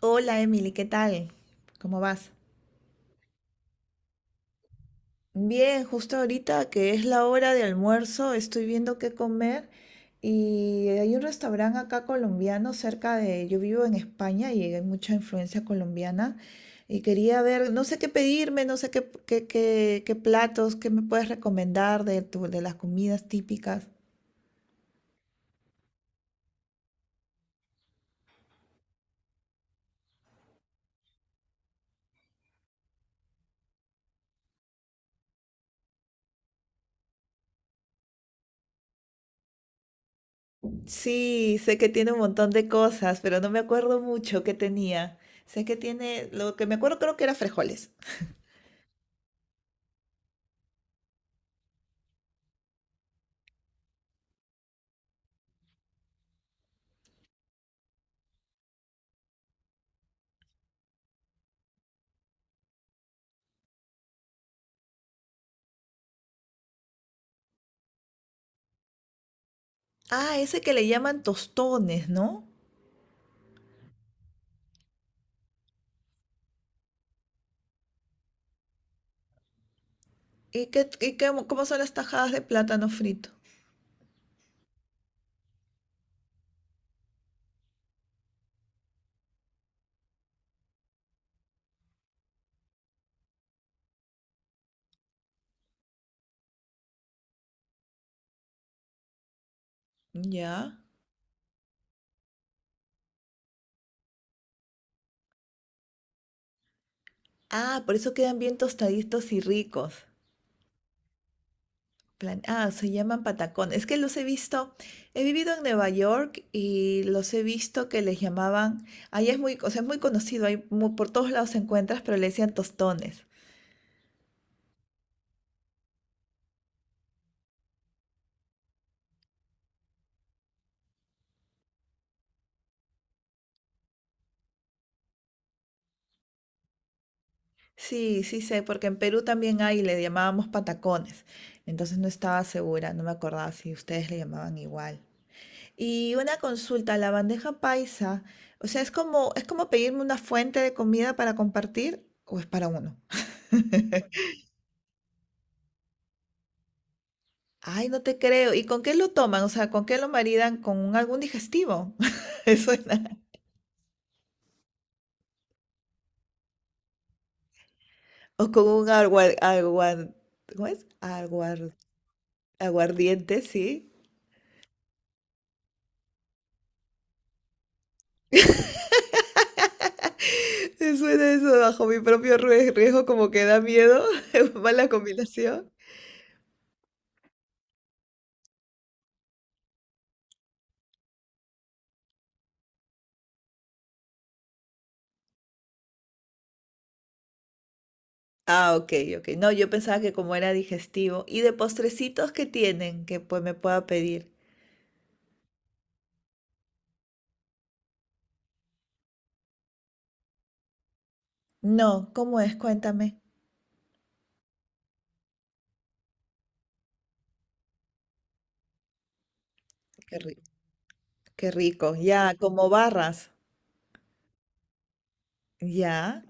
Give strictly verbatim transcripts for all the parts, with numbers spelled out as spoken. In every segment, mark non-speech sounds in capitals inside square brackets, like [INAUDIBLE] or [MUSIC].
Hola Emily, ¿qué tal? ¿Cómo vas? Bien, justo ahorita que es la hora de almuerzo, estoy viendo qué comer, y hay un restaurante acá colombiano cerca de, yo vivo en España y hay mucha influencia colombiana, y quería ver, no sé qué pedirme, no sé qué, qué, qué, qué platos, qué me puedes recomendar de tu, de las comidas típicas. Sí, sé que tiene un montón de cosas, pero no me acuerdo mucho qué tenía. Sé que tiene, lo que me acuerdo creo que era frijoles. Ah, ese que le llaman tostones, ¿no? ¿Y qué, y qué- cómo son las tajadas de plátano frito? Ya. Ah, por eso quedan bien tostaditos y ricos. Plan- ah, se llaman patacón. Es que los he visto, he vivido en Nueva York y los he visto que les llamaban, ahí es muy, o sea, es muy conocido, hay mu- por todos lados se encuentras, pero le decían tostones. Sí, sí sé, porque en Perú también hay, le llamábamos patacones. Entonces no estaba segura, no me acordaba si ustedes le llamaban igual. Y una consulta, la bandeja paisa, o sea, es como, es como pedirme una fuente de comida para compartir o es para uno. [LAUGHS] Ay, no te creo. ¿Y con qué lo toman? O sea, ¿con qué lo maridan? ¿Con un- algún digestivo? [LAUGHS] Eso suena. O con un aguar, aguar, ¿cómo es? Aguar- aguardiente, sí. [LAUGHS] Me suena eso bajo mi propio ries- riesgo, como que da miedo. [LAUGHS] Mala combinación. Ah, ok, ok. No, yo pensaba que como era digestivo. ¿Y de postrecitos que tienen que pues me pueda pedir? No, ¿cómo es? Cuéntame. Qué rico. Qué rico. Ya, como barras. Ya.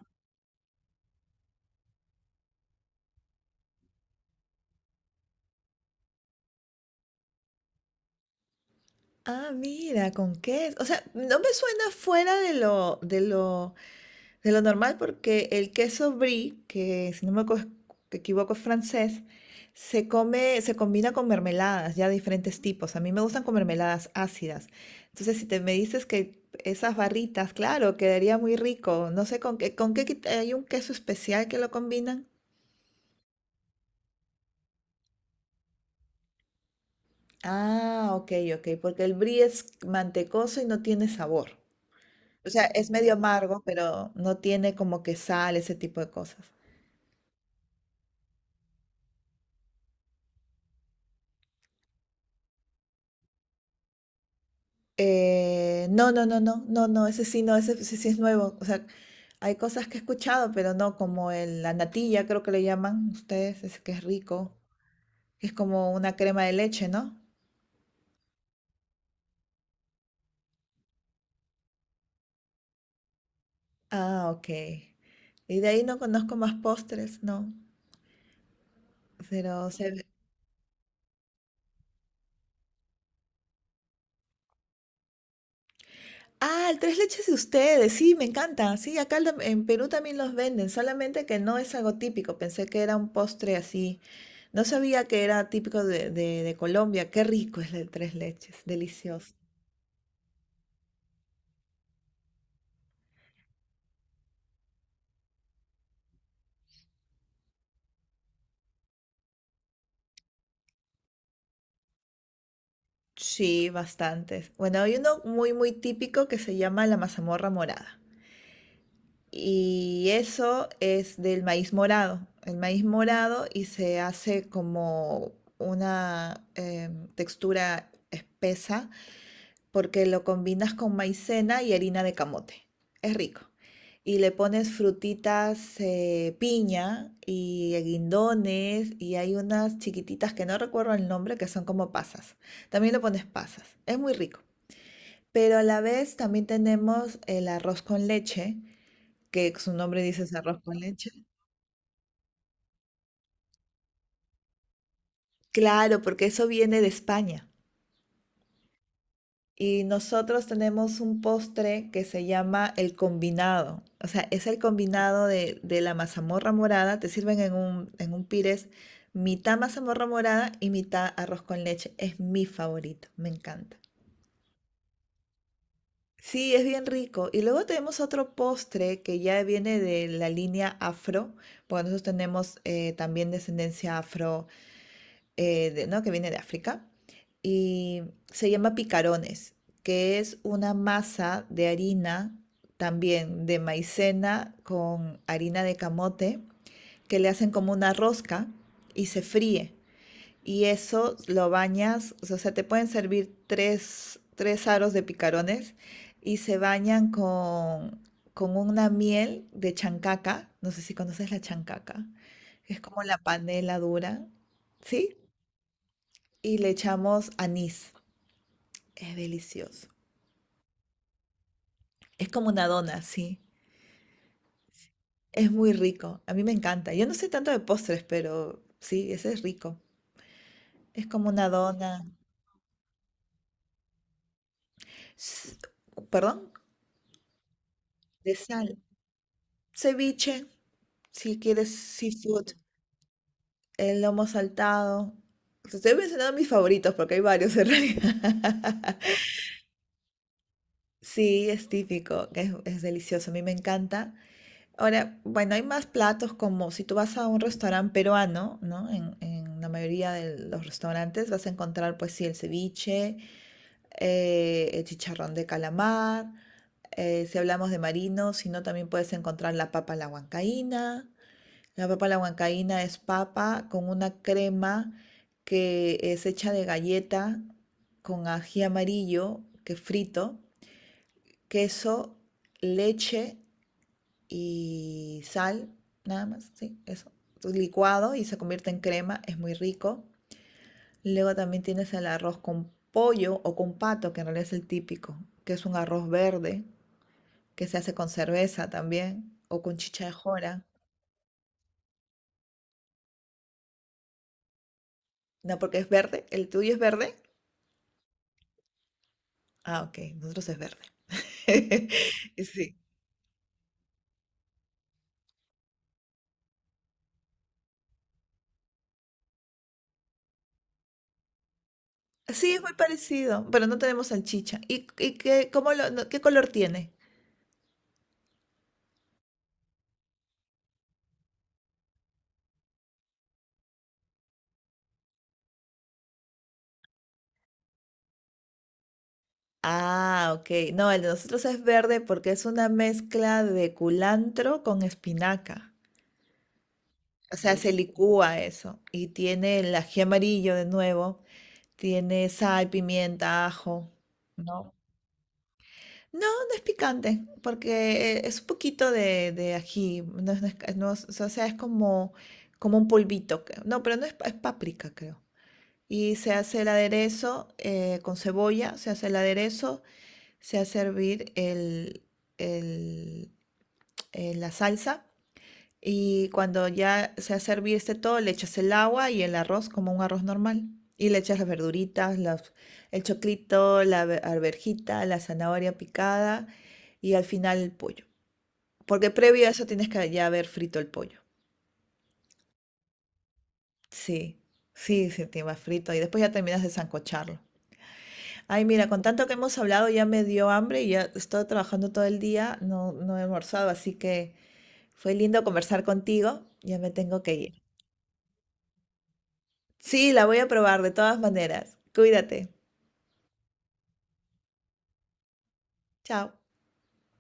Ah, mira, con queso. O sea, no me suena fuera de lo, de lo, de lo normal, porque el queso brie, que si no me eco- equivoco es francés, se come, se combina con mermeladas, ya de diferentes tipos. A mí me gustan con mermeladas ácidas. Entonces, si te me dices que esas barritas, claro, quedaría muy rico. No sé con qué, con qué quit- hay un queso especial que lo combinan. Ah, ok, ok, porque el brie es mantecoso y no tiene sabor. O sea, es medio amargo, pero no tiene como que sal, ese tipo de cosas. Eh, no, no, no, no, no, no, ese sí, no, ese, ese sí es nuevo. O sea, hay cosas que he escuchado, pero no, como el- la natilla, creo que le llaman ustedes, ese que es rico, que es como una crema de leche, ¿no? Ah, ok. Y de ahí no conozco más postres, no. Pero se ve- Ah, el tres leches de ustedes, sí, me encanta. Sí, acá el en Perú también los venden, solamente que no es algo típico. Pensé que era un postre así. No sabía que era típico de, de- de Colombia. Qué rico es el tres leches, delicioso. Sí, bastantes. Bueno, hay uno muy, muy típico que se llama la mazamorra morada. Y eso es del maíz morado. El maíz morado y se hace como una em, textura espesa porque lo combinas con maicena y harina de camote. Es rico. Y le pones frutitas, eh, piña y guindones y hay unas chiquititas que no recuerdo el nombre que son como pasas. También le pones pasas. Es muy rico. Pero a la vez también tenemos el arroz con leche, que su nombre dice es arroz con leche. Claro, porque eso viene de España. Y nosotros tenemos un postre que se llama el combinado. O sea, es el combinado de, de la mazamorra morada. Te sirven en un, en un pires mitad mazamorra morada y mitad arroz con leche. Es mi favorito, me encanta. Sí, es bien rico. Y luego tenemos otro postre que ya viene de la línea afro, porque nosotros tenemos eh, también descendencia afro, eh, de- ¿no? Que viene de África. Y se llama picarones, que es una masa de harina, también de maicena con harina de camote, que le hacen como una rosca y se fríe, y eso lo bañas, o sea, te pueden servir tres, tres aros de picarones y se bañan con, con una miel de chancaca, no sé si conoces la chancaca, que es como la panela dura, ¿sí? Y le echamos anís, es delicioso. Es como una dona, sí. Es muy rico, a mí me encanta. Yo no sé tanto de postres, pero sí, ese es rico. Es como una dona, s- perdón, de sal. Ceviche. Si quieres seafood, el lomo saltado. Te estoy mencionando mis favoritos porque hay varios en realidad. [LAUGHS] Sí, es típico, es, es delicioso, a mí me encanta. Ahora, bueno, hay más platos como si tú vas a un restaurante peruano, ¿no? En, en la mayoría de los restaurantes vas a encontrar, pues sí, el ceviche, eh, el chicharrón de calamar. eh, si hablamos de marinos, si no, también puedes encontrar la papa a la huancaína. La papa a la huancaína es papa con una crema que es hecha de galleta con ají amarillo que frito, queso, leche y sal, nada más, sí, eso. Licuado y se convierte en crema, es muy rico. Luego también tienes el arroz con pollo o con pato, que en realidad es el típico, que es un arroz verde que se hace con cerveza también o con chicha de jora. No, porque es verde, el tuyo es verde. Ah, ok, nosotros es verde. [LAUGHS] Sí. Sí, es muy parecido, pero no tenemos salchicha. ¿Y, y qué, cómo lo- no- qué color tiene? Ah, ok. No, el de nosotros es verde porque es una mezcla de culantro con espinaca. O sea, se licúa eso. Y tiene el ají amarillo de nuevo. Tiene sal, pimienta, ajo. No. No, no es picante, porque eh, es un poquito de, de ají. No, es- no es- no es- o sea, es como, como un polvito. Creo. No, pero no es, pa- es páprica, creo. Y se hace el aderezo eh, con cebolla, se hace el aderezo, se hace hervir el, el- eh, la salsa. Y cuando ya se hace hervir este todo, le echas el agua y el arroz como un arroz normal. Y le echas las verduritas, las- el choclito, la ve- arvejita, la zanahoria picada y al final el pollo. Porque previo a eso tienes que ya haber frito el pollo. Sí, sí, sí te va frito y después ya terminas de sancocharlo. Ay, mira, con tanto que hemos hablado ya me dio hambre y ya estoy trabajando todo el día, no, no he almorzado, así que fue lindo conversar contigo, ya me tengo que ir. Sí, la voy a probar de todas maneras. Cuídate. Chao.